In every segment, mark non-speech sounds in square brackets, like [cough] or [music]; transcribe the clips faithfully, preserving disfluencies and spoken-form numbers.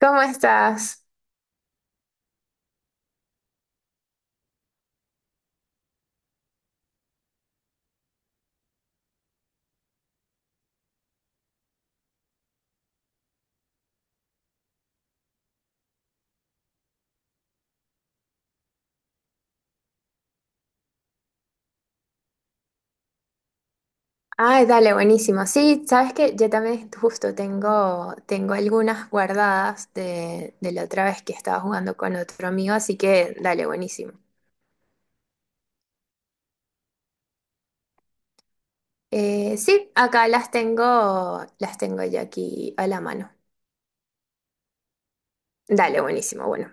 ¿Cómo estás? Ay, dale, buenísimo. Sí, sabes que yo también justo tengo, tengo algunas guardadas de, de la otra vez que estaba jugando con otro amigo, así que dale, buenísimo. Eh, sí, acá las tengo, las tengo yo aquí a la mano. Dale, buenísimo. Bueno,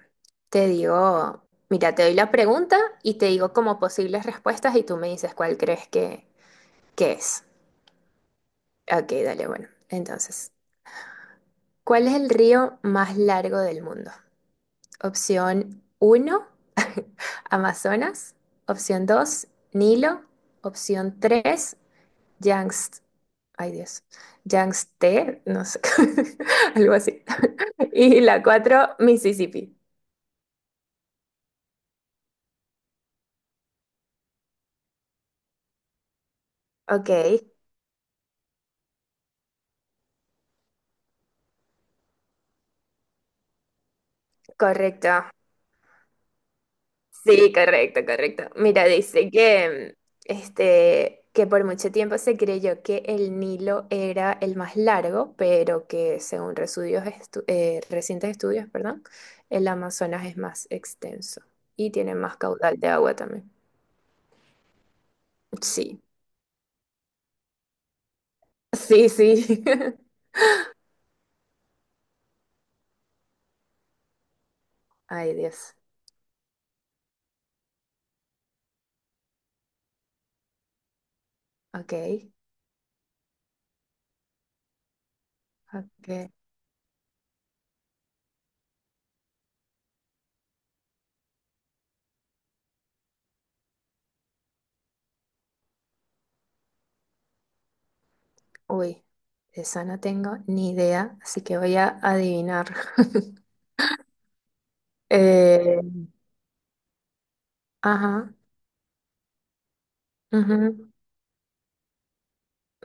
te digo, mira, te doy la pregunta y te digo como posibles respuestas y tú me dices cuál crees que, que es. Ok, dale, bueno. Entonces, ¿cuál es el río más largo del mundo? Opción uno [laughs] Amazonas. Opción dos Nilo. Opción tres Yangtze. Ay Dios, Yangtze, no sé, [laughs] algo así. Y la cuatro Mississippi. Ok, correcto. Sí, correcto, correcto. Mira, dice que, este, que por mucho tiempo se creyó que el Nilo era el más largo, pero que según estudios estu- eh, recientes estudios, perdón, el Amazonas es más extenso y tiene más caudal de agua también. Sí, sí, sí. [laughs] Ay, Dios. Ok, ok. Uy, de esa no tengo ni idea, así que voy a adivinar. [laughs] Eh, ajá. Ujú.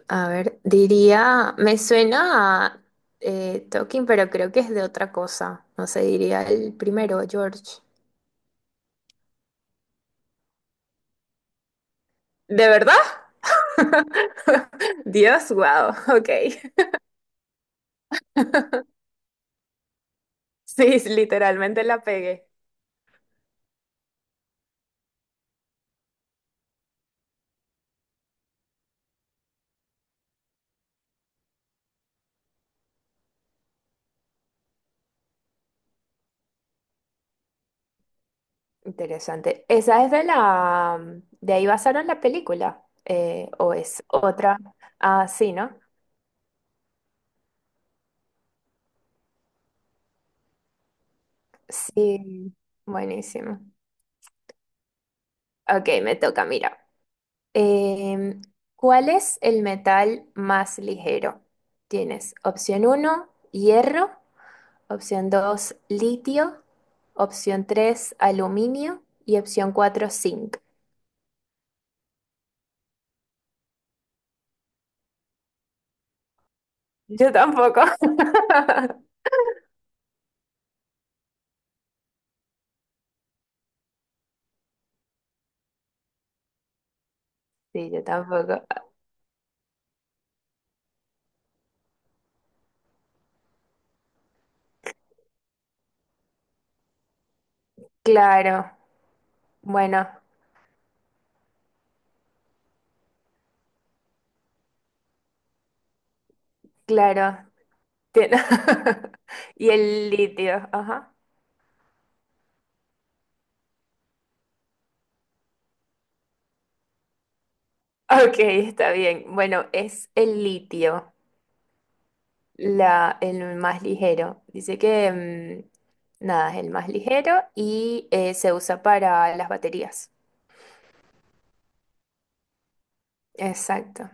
A ver, diría, me suena a eh, Talking, pero creo que es de otra cosa. No sé, diría el primero, George. ¿De verdad? [laughs] Dios, wow, ok. [laughs] Sí, literalmente la pegué. Interesante. Esa es de la... De ahí basaron la película. Eh, o es otra. Ah, sí, ¿no? Sí, buenísimo. Ok, me toca, mira. Em, ¿Cuál es el metal más ligero? Tienes opción uno, hierro, opción dos, litio, opción tres, aluminio y opción cuatro, zinc. Yo tampoco. [laughs] Sí, yo tampoco. Claro, bueno, claro. Tien- [laughs] Y el litio, ajá. Ok, está bien. Bueno, es el litio. La, el más ligero. Dice que, mm, nada, es el más ligero y eh, se usa para las baterías. Exacto.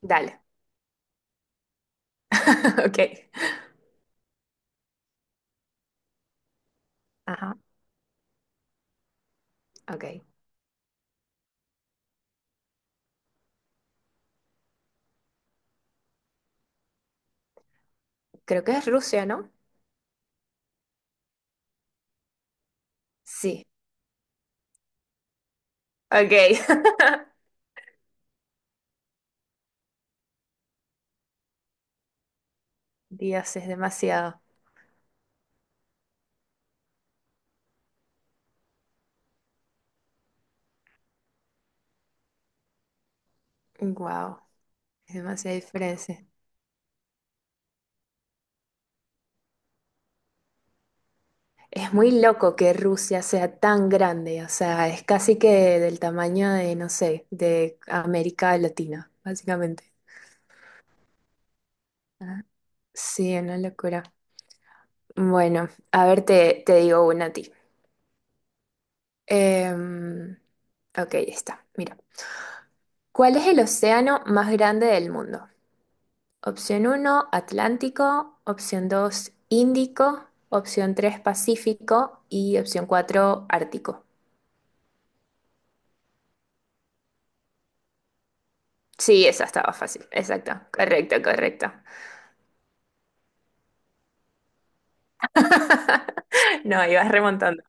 Dale. [laughs] Ok. Ajá. Ok. Creo que es Rusia, ¿no? Sí. Ok. [laughs] Dios, es demasiado. Wow. Es demasiada diferencia. Es muy loco que Rusia sea tan grande. O sea, es casi que del tamaño de, no sé, de América Latina, básicamente. Ah, sí, una locura. Bueno, a ver, te, te digo una a ti. Em, ok, ya está. Mira. ¿Cuál es el océano más grande del mundo? Opción uno, Atlántico. Opción dos, Índico. Opción tres, Pacífico. Y opción cuatro, Ártico. Sí, esa estaba fácil. Exacto. Correcto, correcto. [laughs] No, ibas remontando.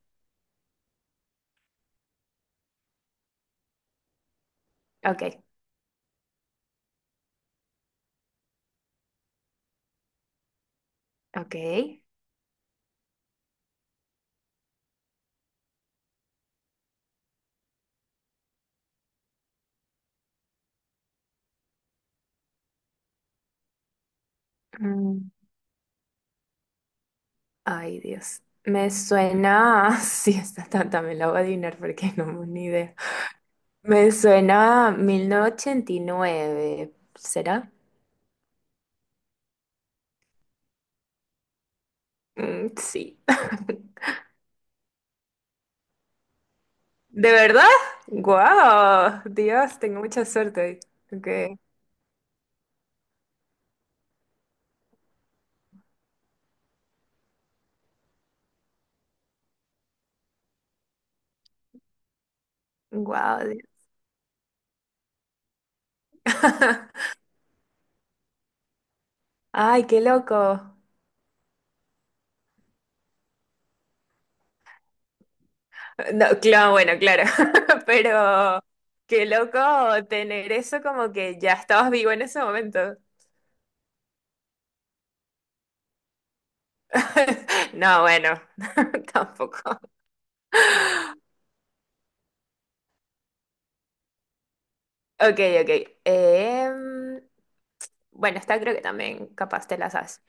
Ok, ok. Mm, ay, Dios. Me suena. [laughs] Sí, esta ta- también la voy a adivinar porque no tengo ni idea. Me suena a mil novecientos ochenta y nueve, ¿será? Mm, sí. [laughs] ¿De verdad? ¡Guau! Dios, tengo mucha suerte. Hoy. Ok. ¡Guau! Dios. [laughs] ¡Ay, qué loco! No, claro, bueno, claro. [laughs] Pero qué loco tener eso como que ya estabas vivo en ese momento. [laughs] No, bueno, [laughs] tampoco. Ok, ok. Em, bueno, esta creo que también capaz te la sabes.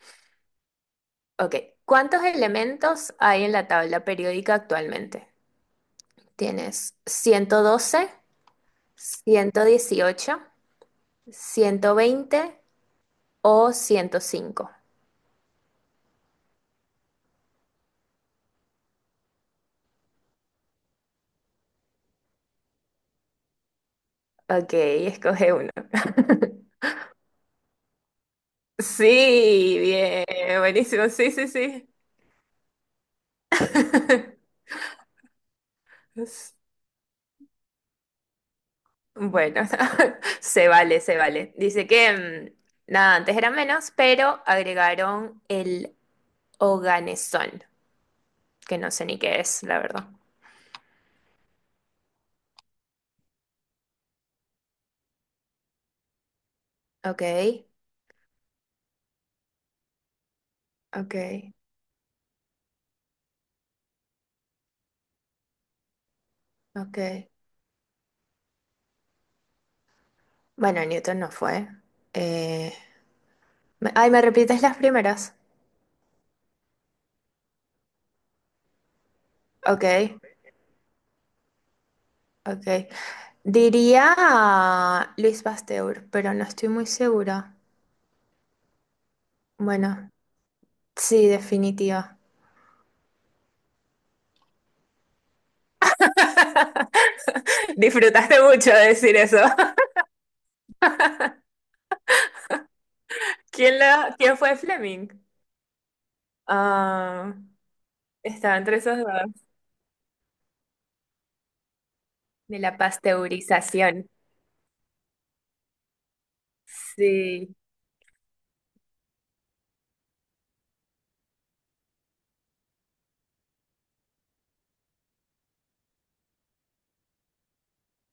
Ok, ¿cuántos elementos hay en la tabla periódica actualmente? ¿Tienes ciento ciento doce, ciento dieciocho, ciento veinte o ciento cinco? Ok, escoge uno. [laughs] Sí, bien, buenísimo, sí, sí, sí. [laughs] Bueno, [laughs] se vale, se vale. Dice que, mm, nada, antes era menos, pero agregaron el oganesón, que no sé ni qué es, la verdad. Ok. Ok, ok. Bueno, Newton no fue. Eh, me- ay, ¿Me repites las primeras? Ok, ok. Diría ah, Luis Pasteur, pero no estoy muy segura. Bueno, sí, definitiva. [laughs] Disfrutaste mucho de decir eso. [laughs] ¿Quién, la, quién fue Fleming? Ah, estaba entre esos dos. De la pasteurización. Sí.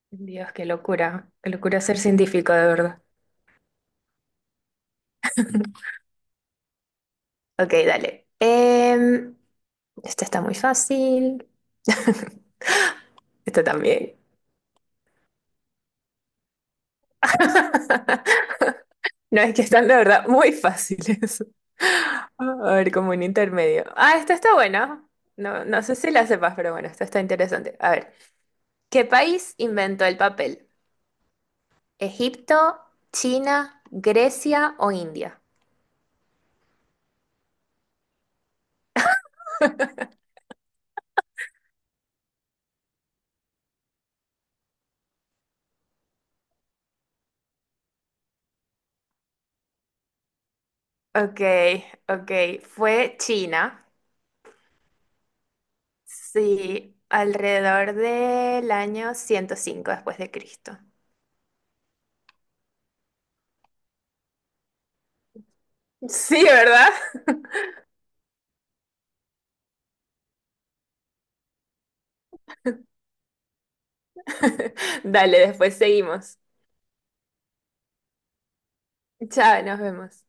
Dios, qué locura. Qué locura ser científico, de verdad. [laughs] Ok, dale. Em, Esta está muy fácil. [laughs] Esta también. [laughs] No, es que están, la verdad, muy fáciles. [laughs] A ver, como un intermedio. Ah, esta está buena. No, no sé si la sepas, pero bueno, esta está interesante. A ver, ¿qué país inventó el papel? ¿Egipto, China, Grecia o India? Ok, ok. Fue China. Sí, alrededor del año ciento cinco después de Cristo. Sí, ¿verdad? [laughs] Dale, después seguimos. Chao, nos vemos.